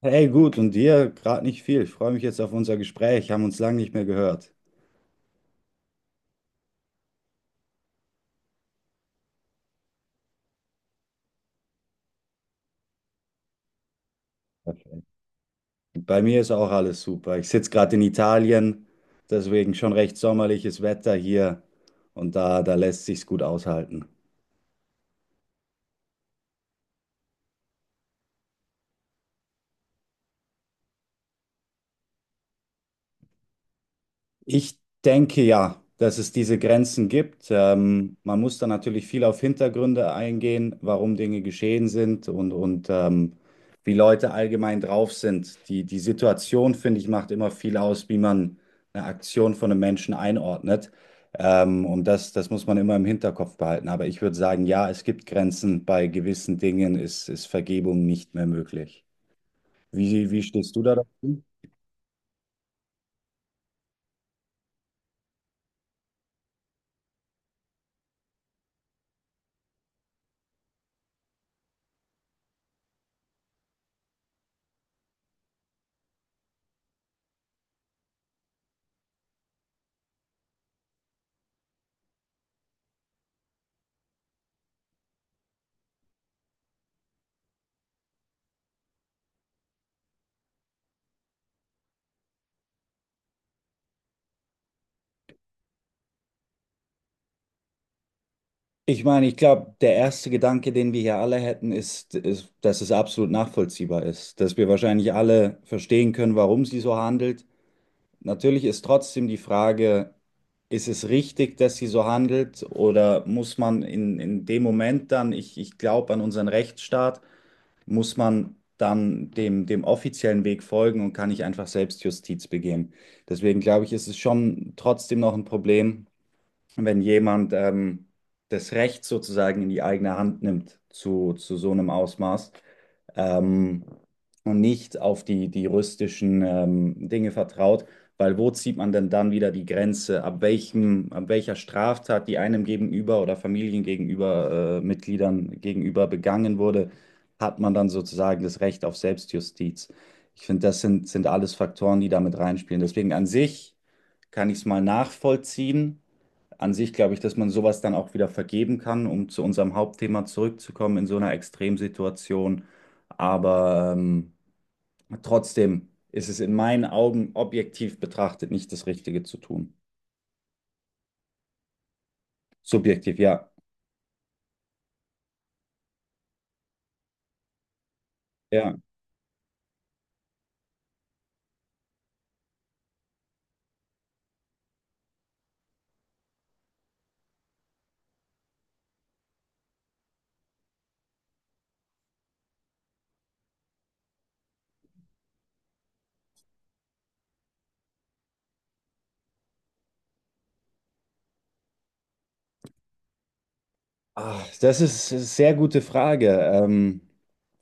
Hey, gut, und dir gerade nicht viel. Ich freue mich jetzt auf unser Gespräch. Haben uns lange nicht mehr gehört. Perfekt. Bei mir ist auch alles super. Ich sitze gerade in Italien, deswegen schon recht sommerliches Wetter hier und da lässt sich's gut aushalten. Ich denke ja, dass es diese Grenzen gibt. Man muss da natürlich viel auf Hintergründe eingehen, warum Dinge geschehen sind und wie Leute allgemein drauf sind. Die Situation, finde ich, macht immer viel aus, wie man eine Aktion von einem Menschen einordnet. Und das muss man immer im Hinterkopf behalten. Aber ich würde sagen, ja, es gibt Grenzen. Bei gewissen Dingen ist Vergebung nicht mehr möglich. Wie stehst du da dazu? Ich meine, ich glaube, der erste Gedanke, den wir hier alle hätten, ist, dass es absolut nachvollziehbar ist, dass wir wahrscheinlich alle verstehen können, warum sie so handelt. Natürlich ist trotzdem die Frage, ist es richtig, dass sie so handelt oder muss man in dem Moment dann, ich glaube an unseren Rechtsstaat, muss man dann dem offiziellen Weg folgen und kann nicht einfach Selbstjustiz begehen. Deswegen glaube ich, ist es schon trotzdem noch ein Problem, wenn jemand das Recht sozusagen in die eigene Hand nimmt zu so einem Ausmaß ähm, und nicht auf die juristischen Dinge vertraut, weil wo zieht man denn dann wieder die Grenze, ab welcher Straftat, die einem gegenüber oder Familien gegenüber, Mitgliedern gegenüber begangen wurde, hat man dann sozusagen das Recht auf Selbstjustiz. Ich finde, das sind alles Faktoren, die damit reinspielen. Deswegen an sich kann ich es mal nachvollziehen, an sich glaube ich, dass man sowas dann auch wieder vergeben kann, um zu unserem Hauptthema zurückzukommen in so einer Extremsituation. Aber trotzdem ist es in meinen Augen objektiv betrachtet nicht das Richtige zu tun. Subjektiv, ja. Ja. Ah, das ist eine sehr gute Frage.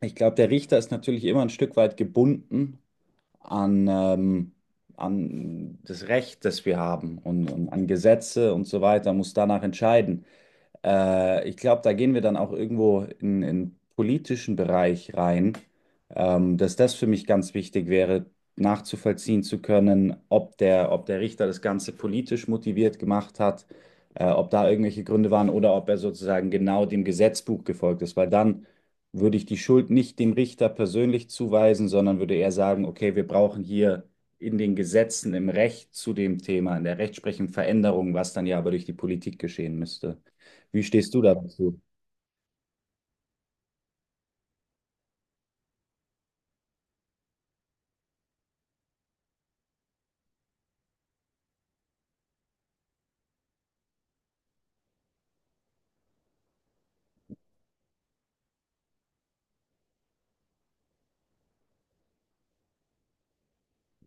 Ich glaube, der Richter ist natürlich immer ein Stück weit gebunden an, an das Recht, das wir haben und an Gesetze und so weiter, muss danach entscheiden. Ich glaube, da gehen wir dann auch irgendwo in politischen Bereich rein, dass das für mich ganz wichtig wäre, nachzuvollziehen zu können, ob der Richter das Ganze politisch motiviert gemacht hat, ob da irgendwelche Gründe waren oder ob er sozusagen genau dem Gesetzbuch gefolgt ist, weil dann würde ich die Schuld nicht dem Richter persönlich zuweisen, sondern würde eher sagen, okay, wir brauchen hier in den Gesetzen, im Recht zu dem Thema, in der Rechtsprechung Veränderung, was dann ja aber durch die Politik geschehen müsste. Wie stehst du da dazu?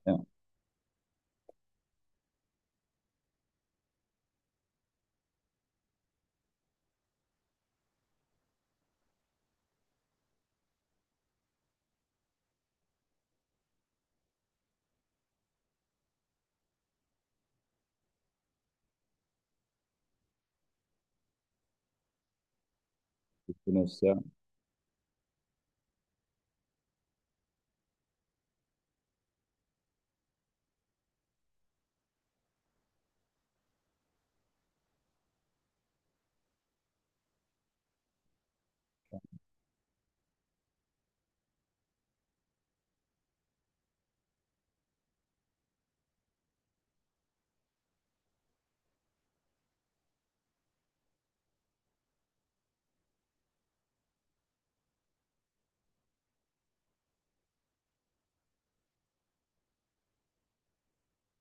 Ja, ich bin es, ja.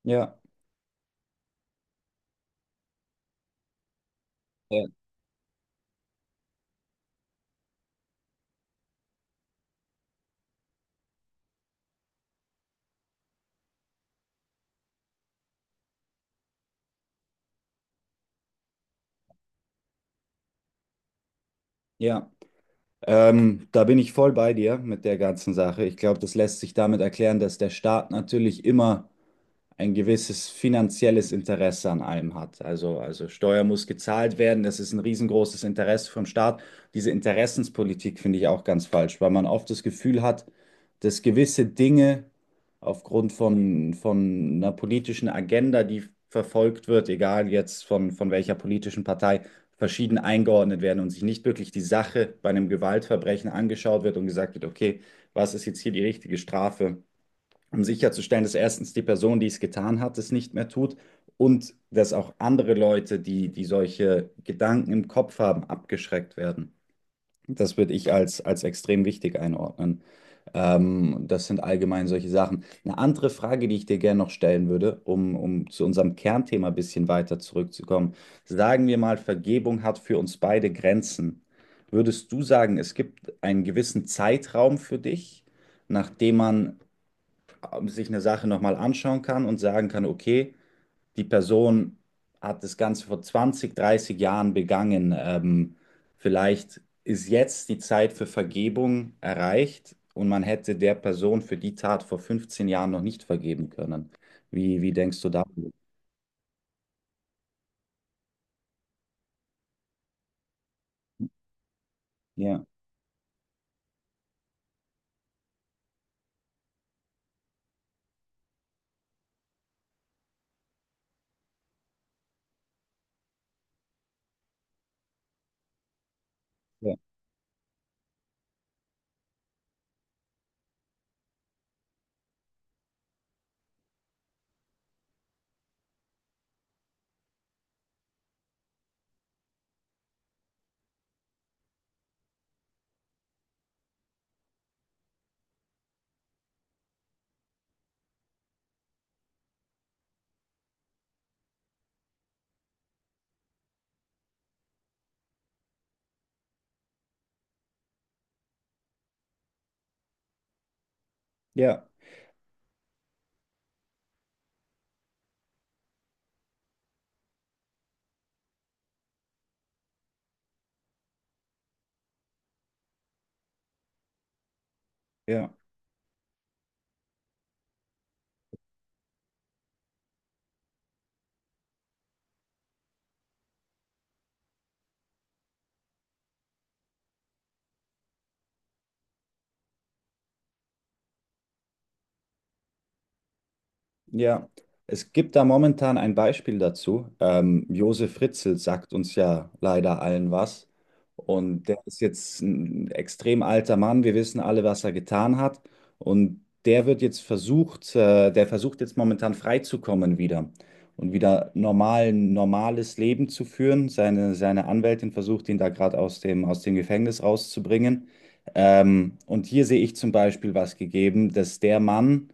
Ja, ja, ja. Da bin ich voll bei dir mit der ganzen Sache. Ich glaube, das lässt sich damit erklären, dass der Staat natürlich immer ein gewisses finanzielles Interesse an allem hat. Also Steuer muss gezahlt werden, das ist ein riesengroßes Interesse vom Staat. Diese Interessenspolitik finde ich auch ganz falsch, weil man oft das Gefühl hat, dass gewisse Dinge aufgrund von einer politischen Agenda, die verfolgt wird, egal jetzt von welcher politischen Partei, verschieden eingeordnet werden und sich nicht wirklich die Sache bei einem Gewaltverbrechen angeschaut wird und gesagt wird, okay, was ist jetzt hier die richtige Strafe, um sicherzustellen, dass erstens die Person, die es getan hat, es nicht mehr tut und dass auch andere Leute, die solche Gedanken im Kopf haben, abgeschreckt werden. Das würde ich als extrem wichtig einordnen. Das sind allgemein solche Sachen. Eine andere Frage, die ich dir gerne noch stellen würde, um zu unserem Kernthema ein bisschen weiter zurückzukommen. Sagen wir mal, Vergebung hat für uns beide Grenzen. Würdest du sagen, es gibt einen gewissen Zeitraum für dich, nachdem man sich eine Sache nochmal anschauen kann und sagen kann, okay, die Person hat das Ganze vor 20 bis 30 Jahren begangen. Vielleicht ist jetzt die Zeit für Vergebung erreicht und man hätte der Person für die Tat vor 15 Jahren noch nicht vergeben können. Wie denkst du darüber? Ja, ja, ja, ja. Ja, es gibt da momentan ein Beispiel dazu. Josef Fritzl sagt uns ja leider allen was. Und der ist jetzt ein extrem alter Mann. Wir wissen alle, was er getan hat. Und der wird jetzt versucht, der versucht jetzt momentan freizukommen wieder und wieder normales Leben zu führen. Seine Anwältin versucht, ihn da gerade aus dem Gefängnis rauszubringen. Und hier sehe ich zum Beispiel was gegeben, dass der Mann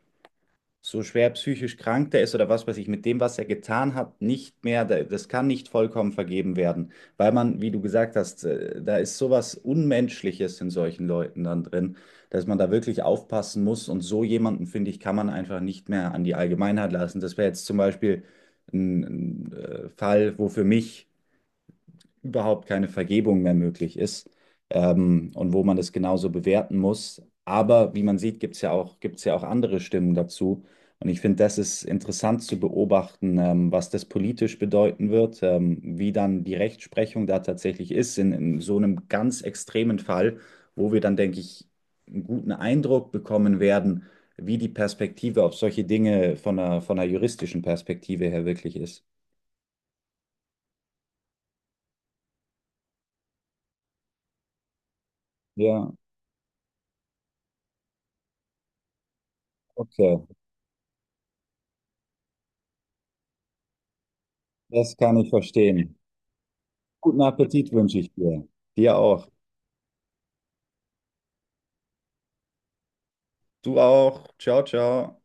so schwer psychisch krank der ist oder was weiß ich, mit dem, was er getan hat, nicht mehr, das kann nicht vollkommen vergeben werden, weil man, wie du gesagt hast, da ist sowas Unmenschliches in solchen Leuten dann drin, dass man da wirklich aufpassen muss und so jemanden, finde ich, kann man einfach nicht mehr an die Allgemeinheit lassen. Das wäre jetzt zum Beispiel ein Fall, wo für mich überhaupt keine Vergebung mehr möglich ist, und wo man das genauso bewerten muss. Aber wie man sieht, gibt es ja auch, gibt's ja auch andere Stimmen dazu. Und ich finde, das ist interessant zu beobachten, was das politisch bedeuten wird, wie dann die Rechtsprechung da tatsächlich ist in so einem ganz extremen Fall, wo wir dann, denke ich, einen guten Eindruck bekommen werden, wie die Perspektive auf solche Dinge von von einer juristischen Perspektive her wirklich ist. Ja, okay, das kann ich verstehen. Guten Appetit wünsche ich dir. Dir auch. Du auch. Ciao, ciao.